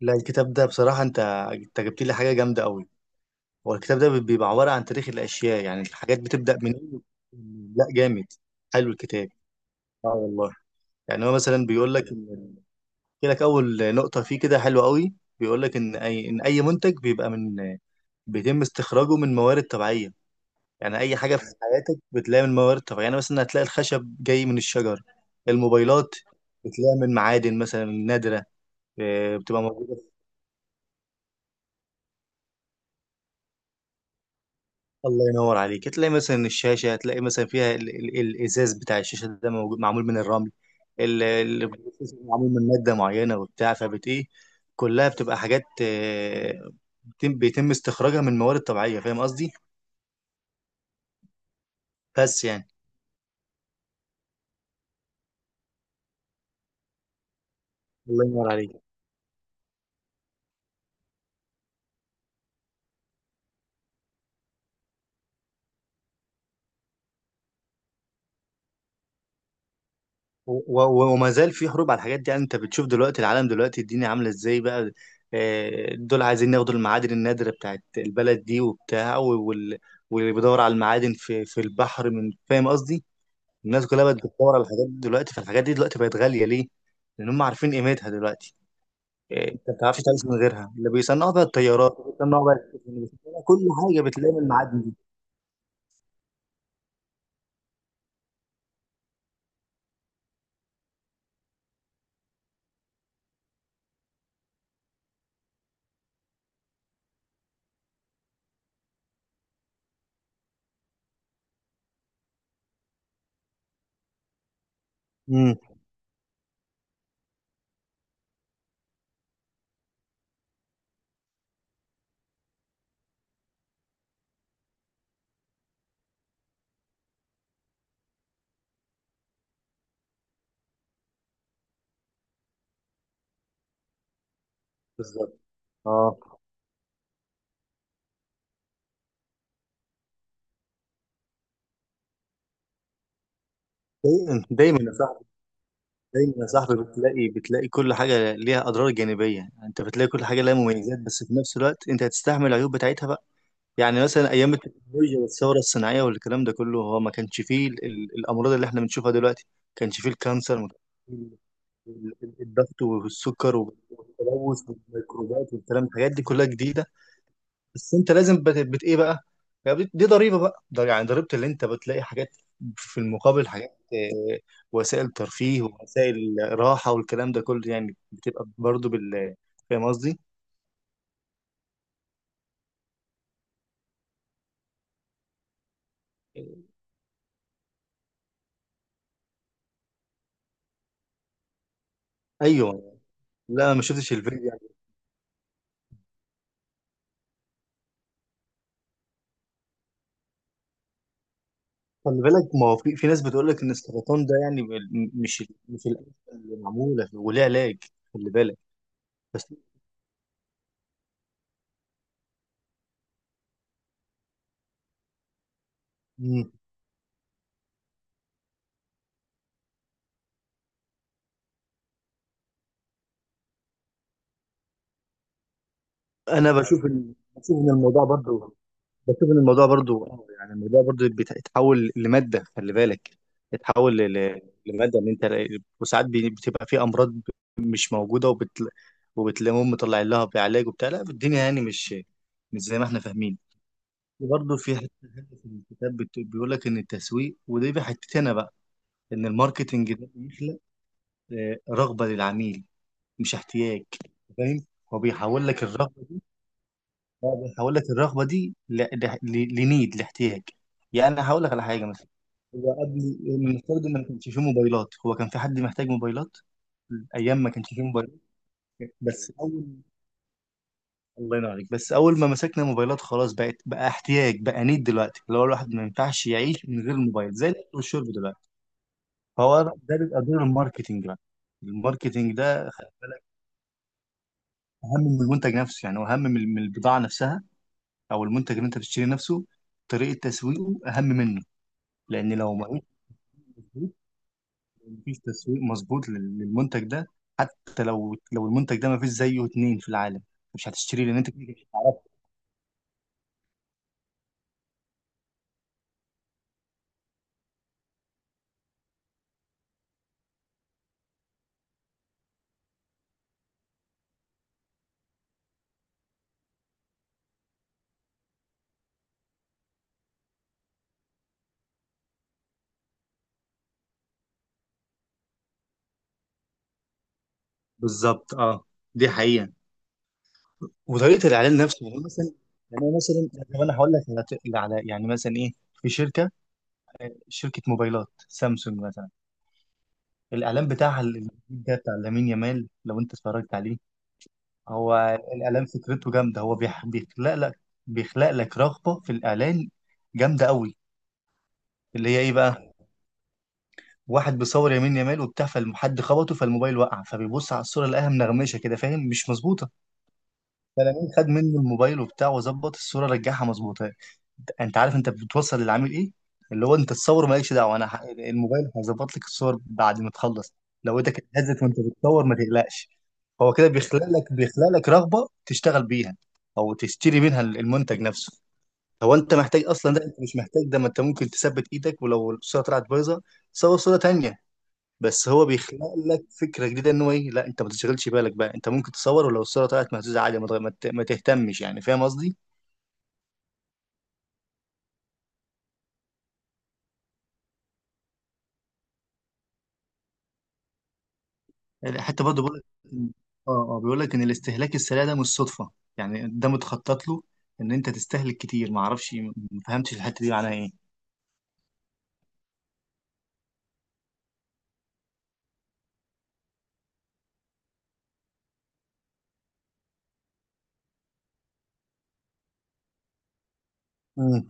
لا، الكتاب ده بصراحة، أنت جبت لي حاجة جامدة أوي. هو الكتاب ده بيبقى عبارة عن تاريخ الأشياء، يعني الحاجات بتبدأ من. لا، جامد. حلو الكتاب. اه، والله. يعني هو مثلا بيقول لك بيقول لك أول نقطة فيه كده حلوة أوي. بيقول لك إن أي منتج بيبقى بيتم استخراجه من موارد طبيعية. يعني أي حاجة في حياتك بتلاقي من موارد طبيعية، يعني مثلا هتلاقي الخشب جاي من الشجر. الموبايلات بتلاقي من معادن مثلا نادرة. بتبقى موجودة. الله ينور عليك، هتلاقي مثلا الشاشه، هتلاقي مثلا فيها ال الازاز بتاع الشاشه ده موجود معمول من الرمل. ال- ال- معمول من ماده معينه وبتاع فبت ايه. كلها بتبقى حاجات، بيتم استخراجها من موارد طبيعيه، فاهم قصدي. بس يعني. الله ينور عليك. وما زال في حروب على الحاجات دي، يعني انت بتشوف دلوقتي العالم، دلوقتي الدنيا عامله ازاي بقى. دول عايزين ياخدوا المعادن النادره بتاعت البلد دي وبتاع واللي بيدور على المعادن في البحر من، فاهم قصدي. الناس كلها بقت بتدور على الحاجات دي دلوقتي، فالحاجات دي دلوقتي بقت غالية ليه؟ لأن هم عارفين قيمتها دلوقتي. انت ما بتعرفش تعيش من غيرها. اللي بيصنعوا بقى الطيارات، اللي بيصنعوا بقى السفن، اللي بيصنعوا كل حاجة بتلاقي من المعادن دي. امم. بالظبط، اه. دايما دايما يا صاحبي، دايما يا صاحبي بتلاقي كل حاجة ليها أضرار جانبية. انت بتلاقي كل حاجة ليها مميزات، بس في نفس الوقت انت هتستحمل العيوب بتاعتها بقى. يعني مثلا أيام التكنولوجيا والثورة الصناعية والكلام ده كله، هو ما كانش فيه الأمراض اللي احنا بنشوفها دلوقتي، ما كانش فيه الكانسر. ما ال- ال- الضغط والسكر والتلوث والميكروبات والكلام، الحاجات دي كلها جديده. بس انت لازم بت ايه بقى. يعني دي ضريبه بقى، ده يعني ضريبه، اللي انت بتلاقي حاجات في المقابل حاجات، وسائل ترفيه ووسائل راحه والكلام ده كله، يعني بتبقى برضو بال. فاهم قصدي؟ ايوه. لا، انا ما شفتش الفيديو يعني. خلي بالك، ما هو في ناس بتقول لك ان السرطان ده يعني مش الأنسة اللي معموله وليه علاج، خلي بالك. بس انا بشوف ان، بشوف ان الموضوع برضو، بشوف ان الموضوع برضو، يعني الموضوع برضو بيتحول لماده، خلي بالك. اتحول لماده ان انت، وساعات بتبقى في امراض مش موجوده وبت، وبتلاقيهم مطلعين لها بعلاج وبتاع. لا، الدنيا يعني مش، مش زي ما احنا فاهمين. وبرضه في حته، حتة في الكتاب بيقول لك ان التسويق، ودي بقى حتتي انا بقى، ان الماركتنج ده بيخلق رغبه للعميل، مش احتياج، فاهم. هو بيحول لك الرغبه. لا، بس هقول لك الرغبه دي لنيد، لاحتياج. يعني انا هقول لك على حاجه مثلا. هو قبل المفترض ان ما كانش فيه موبايلات، هو كان في حد محتاج موبايلات ايام ما كانش فيه موبايلات؟ بس اول الله ينور عليك. بس اول ما مسكنا موبايلات، خلاص بقت بقى احتياج بقى، نيد دلوقتي، اللي هو الواحد ما ينفعش يعيش من غير الموبايل زي الاكل والشرب دلوقتي. فهو ده بيبقى دور الماركتينج بقى. الماركتينج ده خلي بالك، اهم من المنتج نفسه، يعني هو اهم من البضاعه نفسها، او المنتج اللي انت بتشتري نفسه، طريقه تسويقه اهم منه. لان لو ما فيش تسويق، مفيش تسويق مظبوط للمنتج ده، حتى لو المنتج ده ما فيش زيه اتنين في العالم، مش هتشتريه لان انت كده كده مش هتعرفه. بالظبط، اه. دي حقيقة. وطريقة الاعلان نفسه يعني مثلا، يعني أنا مثلا، طب انا هقول لك، على يعني مثلا ايه، في شركة موبايلات سامسونج مثلا، الاعلان بتاعها الجديد ده بتاع لامين يامال، لو انت اتفرجت عليه، هو الاعلان فكرته جامدة. هو بيخلق لك، بيخلق لك رغبة في الاعلان جامدة قوي، اللي هي ايه بقى. واحد بيصور يمين يمال وبتاع، فالحد خبطه، فالموبايل وقع، فبيبص على الصوره لقاها منغمشه كده، فاهم، مش مظبوطه. خد منه الموبايل وبتاع وظبط الصوره، رجعها مظبوطه. انت عارف انت بتوصل للعميل ايه؟ اللي هو انت الصور مالكش دعوه، انا الموبايل هيظبط لك الصور بعد ما تخلص. لو ايدك اتهزت وانت بتصور ما تقلقش. هو كده بيخلق لك، رغبه تشتغل بيها او تشتري منها المنتج نفسه. هو انت محتاج اصلا ده؟ انت مش محتاج ده، ما انت ممكن تثبت ايدك، ولو الصوره طلعت بايظه صور صوره تانية. بس هو بيخلق لك فكره جديده ان هو ايه، لا انت ما تشغلش بالك بقى، انت ممكن تصور ولو الصوره طلعت مهزوزه عادي، ما تغ- ما ت- ما تهتمش، يعني فاهم قصدي. حتى برضه بيقول لك، اه بيقول لك ان الاستهلاك السريع ده مش صدفه، يعني ده متخطط له ان انت تستهلك كتير. ما اعرفش، ما فهمتش الحته دي معناها ايه. امم.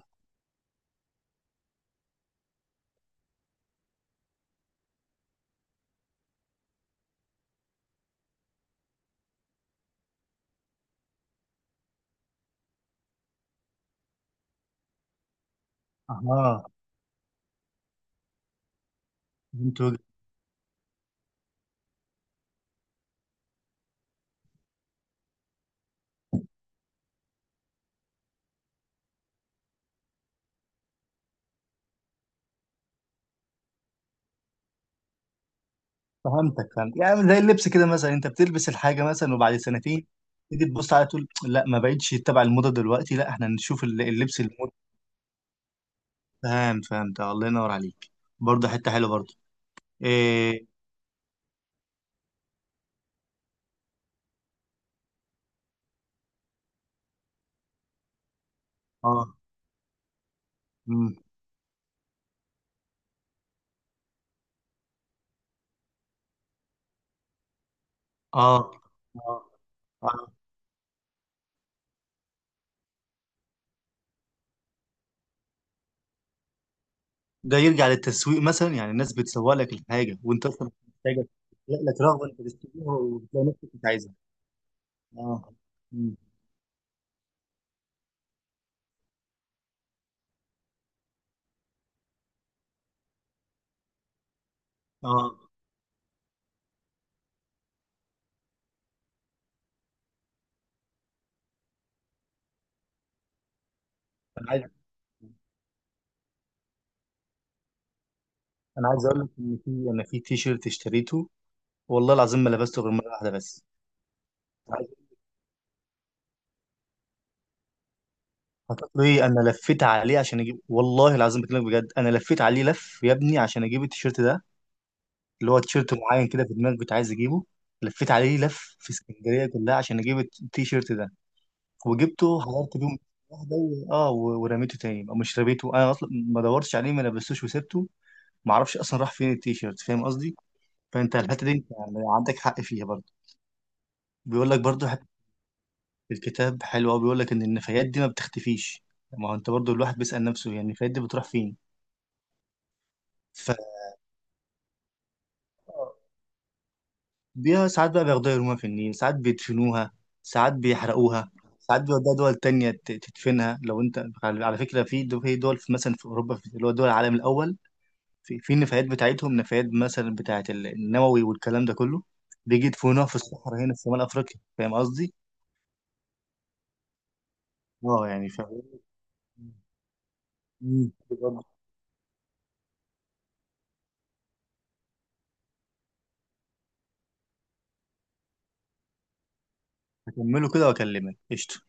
اها. فهمت وجه- فهمتك، فهمت، يعني زي اللبس كده مثلا، انت بتلبس الحاجه مثلا وبعد سنتين تيجي تبص عليها تقول لا، ما بقتش تبع الموضه دلوقتي، لا، احنا نشوف اللبس، الموضه. فاهم، فهمت، الله ينور عليك. برضه حته حلوه برضه. إيه. اه. مم. اه، اه. آه. ده يرجع للتسويق مثلا، يعني الناس بتسوق لك الحاجه وانت اصلا مش محتاجه، تلاقي لك رغبه انت تشتريها وتلاقي نفسك مش عايزها. اه. مم. اه. انا عايز انا عايز اقول لك ان في، انا في تي شيرت اشتريته، والله العظيم ما لبسته غير مره واحده بس. هتقولي انا لفيت عليه عشان اجيب، والله العظيم بكلمك بجد، انا لفيت عليه لف يا ابني عشان اجيب التيشيرت ده، اللي هو تيشيرت معين كده في دماغي كنت عايز اجيبه. لفيت عليه لف في اسكندريه كلها عشان اجيب التيشيرت ده، وجبته حضرت بيه واحده و ورميته تاني، او مش رميته، انا اصلا ما دورتش عليه ما لبستوش وسبته. ما اعرفش اصلا راح فين التيشيرت، فاهم قصدي. فانت الحته دي انت يعني عندك حق فيها برضه. بيقول لك برضه حته، الكتاب حلو قوي، بيقول لك ان النفايات دي ما بتختفيش. ما هو انت برضه الواحد بيسال نفسه يعني النفايات دي بتروح فين؟ بيها ساعات بقى بياخدوها يرموها في النيل، ساعات بيدفنوها، ساعات بيحرقوها، ساعات بيودوها دول تانية تدفنها. لو انت على فكرة، في في دول، في مثلا في أوروبا، في اللي هو دول العالم الأول، في النفايات بتاعتهم، نفايات مثلا بتاعة النووي والكلام ده كله، بيجي يدفنوها في الصحراء هنا في شمال أفريقيا، فاهم قصدي؟ اه يعني ف. مم. هكمله كده وأكلمك، قشطة.